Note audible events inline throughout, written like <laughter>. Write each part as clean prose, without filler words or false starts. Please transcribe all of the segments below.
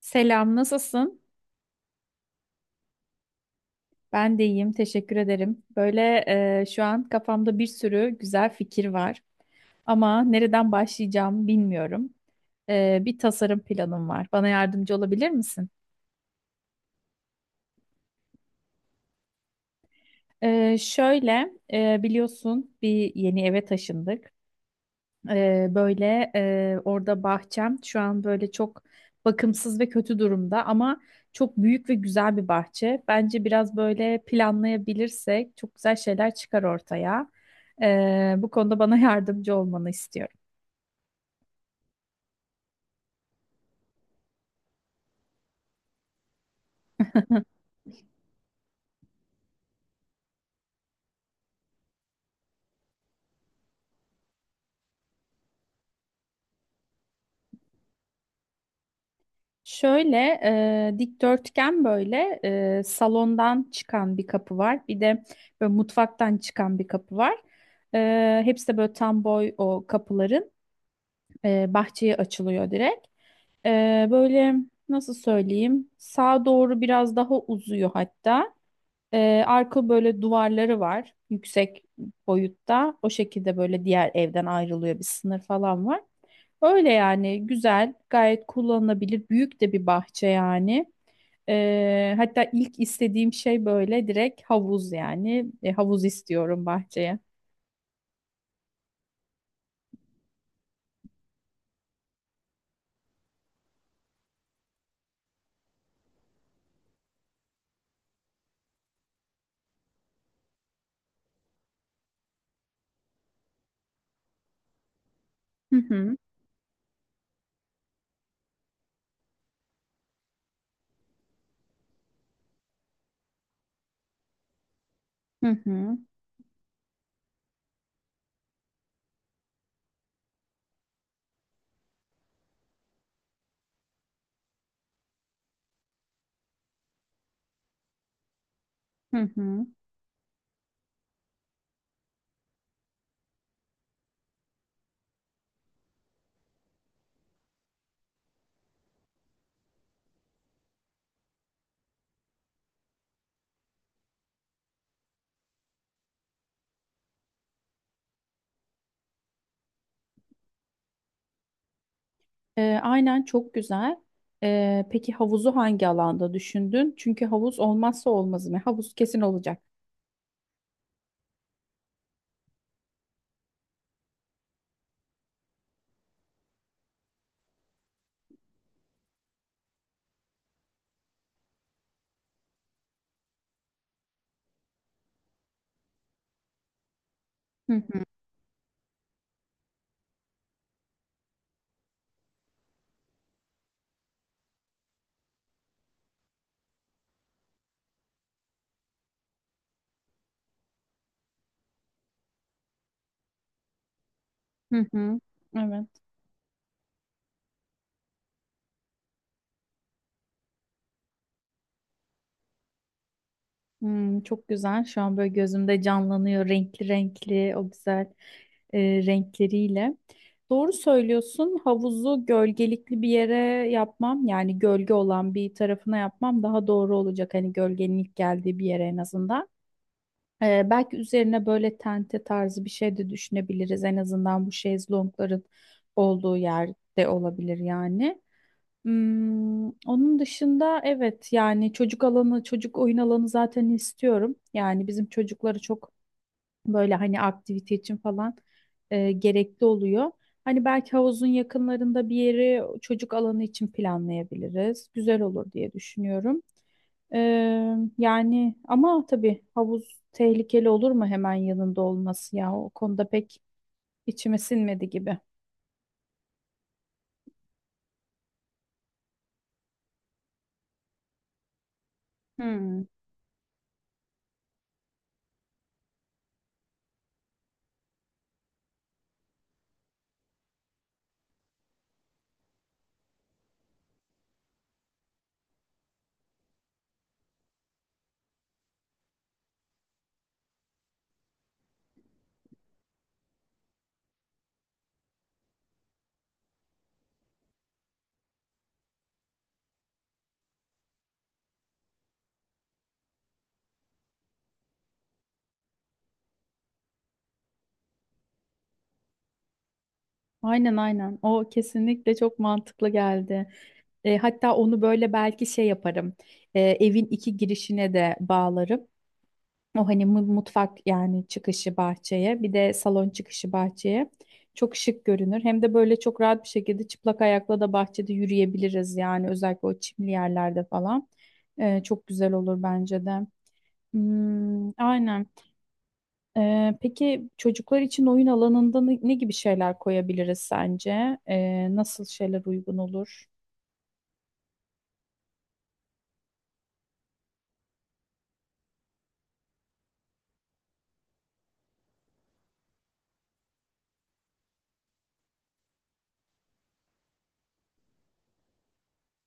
Selam, nasılsın? Ben de iyiyim, teşekkür ederim. Böyle şu an kafamda bir sürü güzel fikir var ama nereden başlayacağım bilmiyorum. Bir tasarım planım var. Bana yardımcı olabilir misin? Şöyle, biliyorsun bir yeni eve taşındık. Böyle orada bahçem şu an böyle çok bakımsız ve kötü durumda ama çok büyük ve güzel bir bahçe. Bence biraz böyle planlayabilirsek çok güzel şeyler çıkar ortaya. Bu konuda bana <laughs> yardımcı olmanı istiyorum. <laughs> Şöyle dikdörtgen böyle salondan çıkan bir kapı var. Bir de böyle mutfaktan çıkan bir kapı var. Hepsi de böyle tam boy o kapıların bahçeye açılıyor direkt. Böyle nasıl söyleyeyim sağa doğru biraz daha uzuyor hatta. Arka böyle duvarları var yüksek boyutta. O şekilde böyle diğer evden ayrılıyor, bir sınır falan var. Öyle yani, güzel, gayet kullanılabilir. Büyük de bir bahçe yani. Hatta ilk istediğim şey böyle direkt havuz yani. Havuz istiyorum bahçeye. Hı hı. Hı hı. Hı hı. Aynen, çok güzel. Peki havuzu hangi alanda düşündün? Çünkü havuz olmazsa olmazı mı? Havuz kesin olacak. Hı hı hı hı. Evet. Hmm, çok güzel. Şu an böyle gözümde canlanıyor renkli renkli o güzel e, renkleriyle. Doğru söylüyorsun. Havuzu gölgelikli bir yere yapmam yani gölge olan bir tarafına yapmam daha doğru olacak. Hani gölgenin ilk geldiği bir yere en azından. Belki üzerine böyle tente tarzı bir şey de düşünebiliriz. En azından bu şezlongların olduğu yerde olabilir yani. Hmm, onun dışında evet yani çocuk alanı, çocuk oyun alanı zaten istiyorum. Yani bizim çocukları çok böyle hani aktivite için falan gerekli oluyor. Hani belki havuzun yakınlarında bir yeri çocuk alanı için planlayabiliriz. Güzel olur diye düşünüyorum. Yani ama tabii havuz tehlikeli olur mu hemen yanında olması ya? O konuda pek içime sinmedi gibi. Hmm. Aynen aynen. O kesinlikle çok mantıklı geldi. Hatta onu böyle belki şey yaparım. Evin iki girişine de bağlarım. O hani mutfak yani çıkışı bahçeye, bir de salon çıkışı bahçeye çok şık görünür. Hem de böyle çok rahat bir şekilde çıplak ayakla da bahçede yürüyebiliriz yani, özellikle o çimli yerlerde falan. Çok güzel olur bence de. Hmm, aynen. Peki çocuklar için oyun alanında ne gibi şeyler koyabiliriz sence? Nasıl şeyler uygun olur?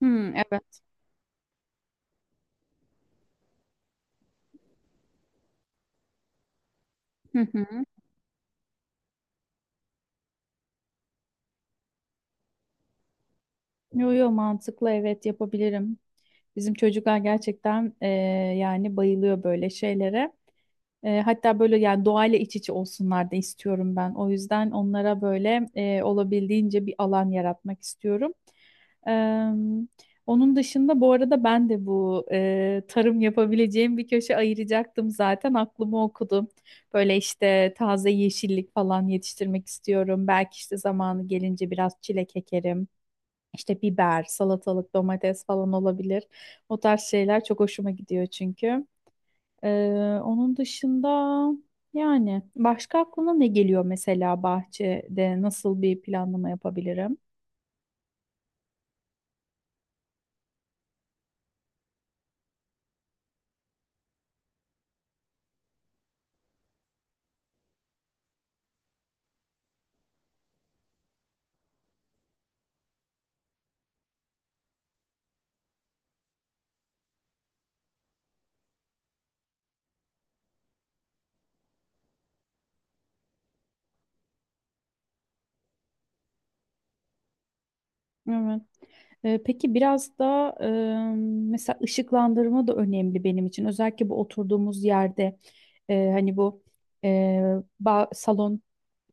Hmm, evet. Hı hı. Yo yo, mantıklı, evet, yapabilirim. Bizim çocuklar gerçekten yani bayılıyor böyle şeylere. Hatta böyle yani doğayla iç içe olsunlar da istiyorum ben. O yüzden onlara böyle olabildiğince bir alan yaratmak istiyorum. Em, Onun dışında bu arada ben de bu tarım yapabileceğim bir köşe ayıracaktım zaten, aklımı okudum. Böyle işte taze yeşillik falan yetiştirmek istiyorum. Belki işte zamanı gelince biraz çilek ekerim. İşte biber, salatalık, domates falan olabilir. O tarz şeyler çok hoşuma gidiyor çünkü. Onun dışında yani başka aklına ne geliyor, mesela bahçede nasıl bir planlama yapabilirim? Evet. Peki biraz da mesela ışıklandırma da önemli benim için. Özellikle bu oturduğumuz yerde hani bu e, salon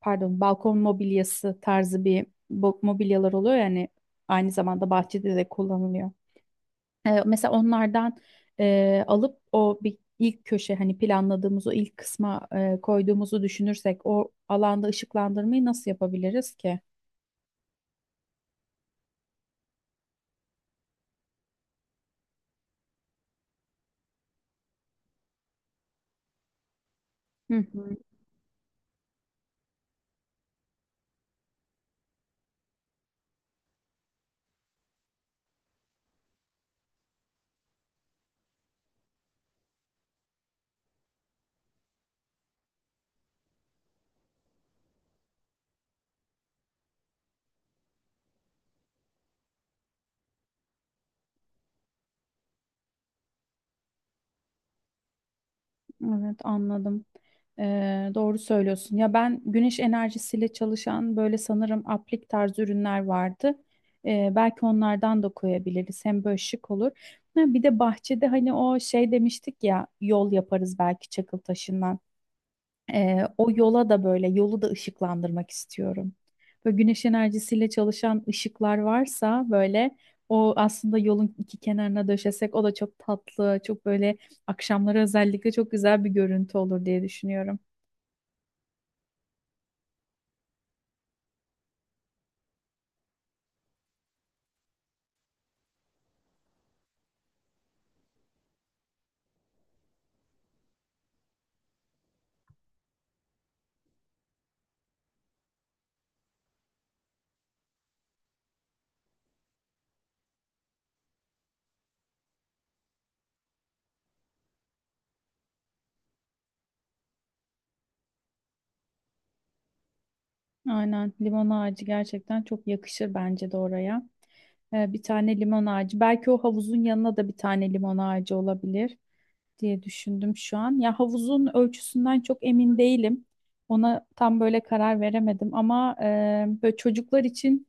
pardon balkon mobilyası tarzı bir mobilyalar oluyor yani aynı zamanda bahçede de kullanılıyor. Mesela onlardan alıp o bir ilk köşe hani planladığımız o ilk kısma koyduğumuzu düşünürsek o alanda ışıklandırmayı nasıl yapabiliriz ki? Hı, hı. Evet, anladım. Doğru söylüyorsun. Ya ben güneş enerjisiyle çalışan böyle sanırım aplik tarzı ürünler vardı. Belki onlardan da koyabiliriz. Hem böyle şık olur. Ha, bir de bahçede hani o şey demiştik ya yol yaparız belki çakıl taşından. O yola da böyle, yolu da ışıklandırmak istiyorum. Böyle güneş enerjisiyle çalışan ışıklar varsa böyle o aslında yolun iki kenarına döşesek o da çok tatlı, çok böyle akşamları özellikle çok güzel bir görüntü olur diye düşünüyorum. Aynen, limon ağacı gerçekten çok yakışır bence de oraya. Bir tane limon ağacı. Belki o havuzun yanına da bir tane limon ağacı olabilir diye düşündüm şu an. Ya havuzun ölçüsünden çok emin değilim. Ona tam böyle karar veremedim ama böyle çocuklar için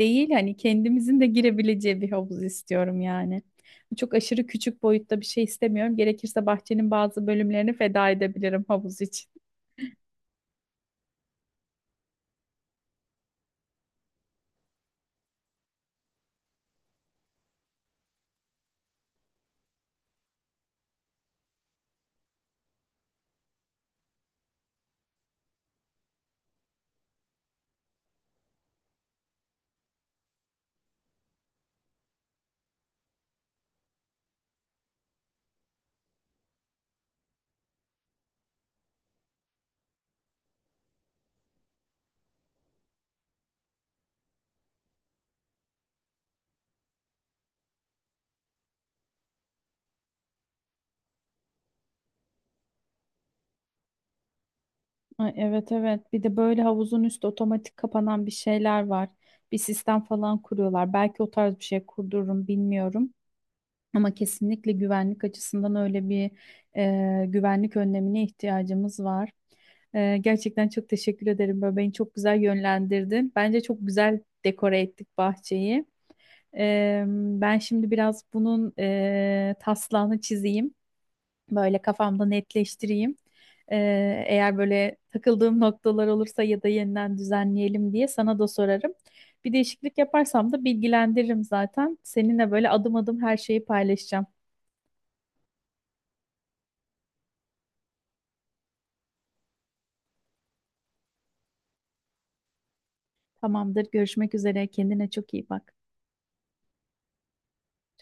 değil hani kendimizin de girebileceği bir havuz istiyorum yani. Çok aşırı küçük boyutta bir şey istemiyorum. Gerekirse bahçenin bazı bölümlerini feda edebilirim havuz için. Ay, evet evet, bir de böyle havuzun üstü otomatik kapanan bir şeyler var. Bir sistem falan kuruyorlar. Belki o tarz bir şey kurdururum, bilmiyorum. Ama kesinlikle güvenlik açısından öyle bir güvenlik önlemine ihtiyacımız var. Gerçekten çok teşekkür ederim. Böyle beni çok güzel yönlendirdin. Bence çok güzel dekore ettik bahçeyi. Ben şimdi biraz bunun taslağını çizeyim. Böyle kafamda netleştireyim. E, Eğer böyle takıldığım noktalar olursa ya da yeniden düzenleyelim diye sana da sorarım. Bir değişiklik yaparsam da bilgilendiririm zaten. Seninle böyle adım adım her şeyi paylaşacağım. Tamamdır. Görüşmek üzere. Kendine çok iyi bak.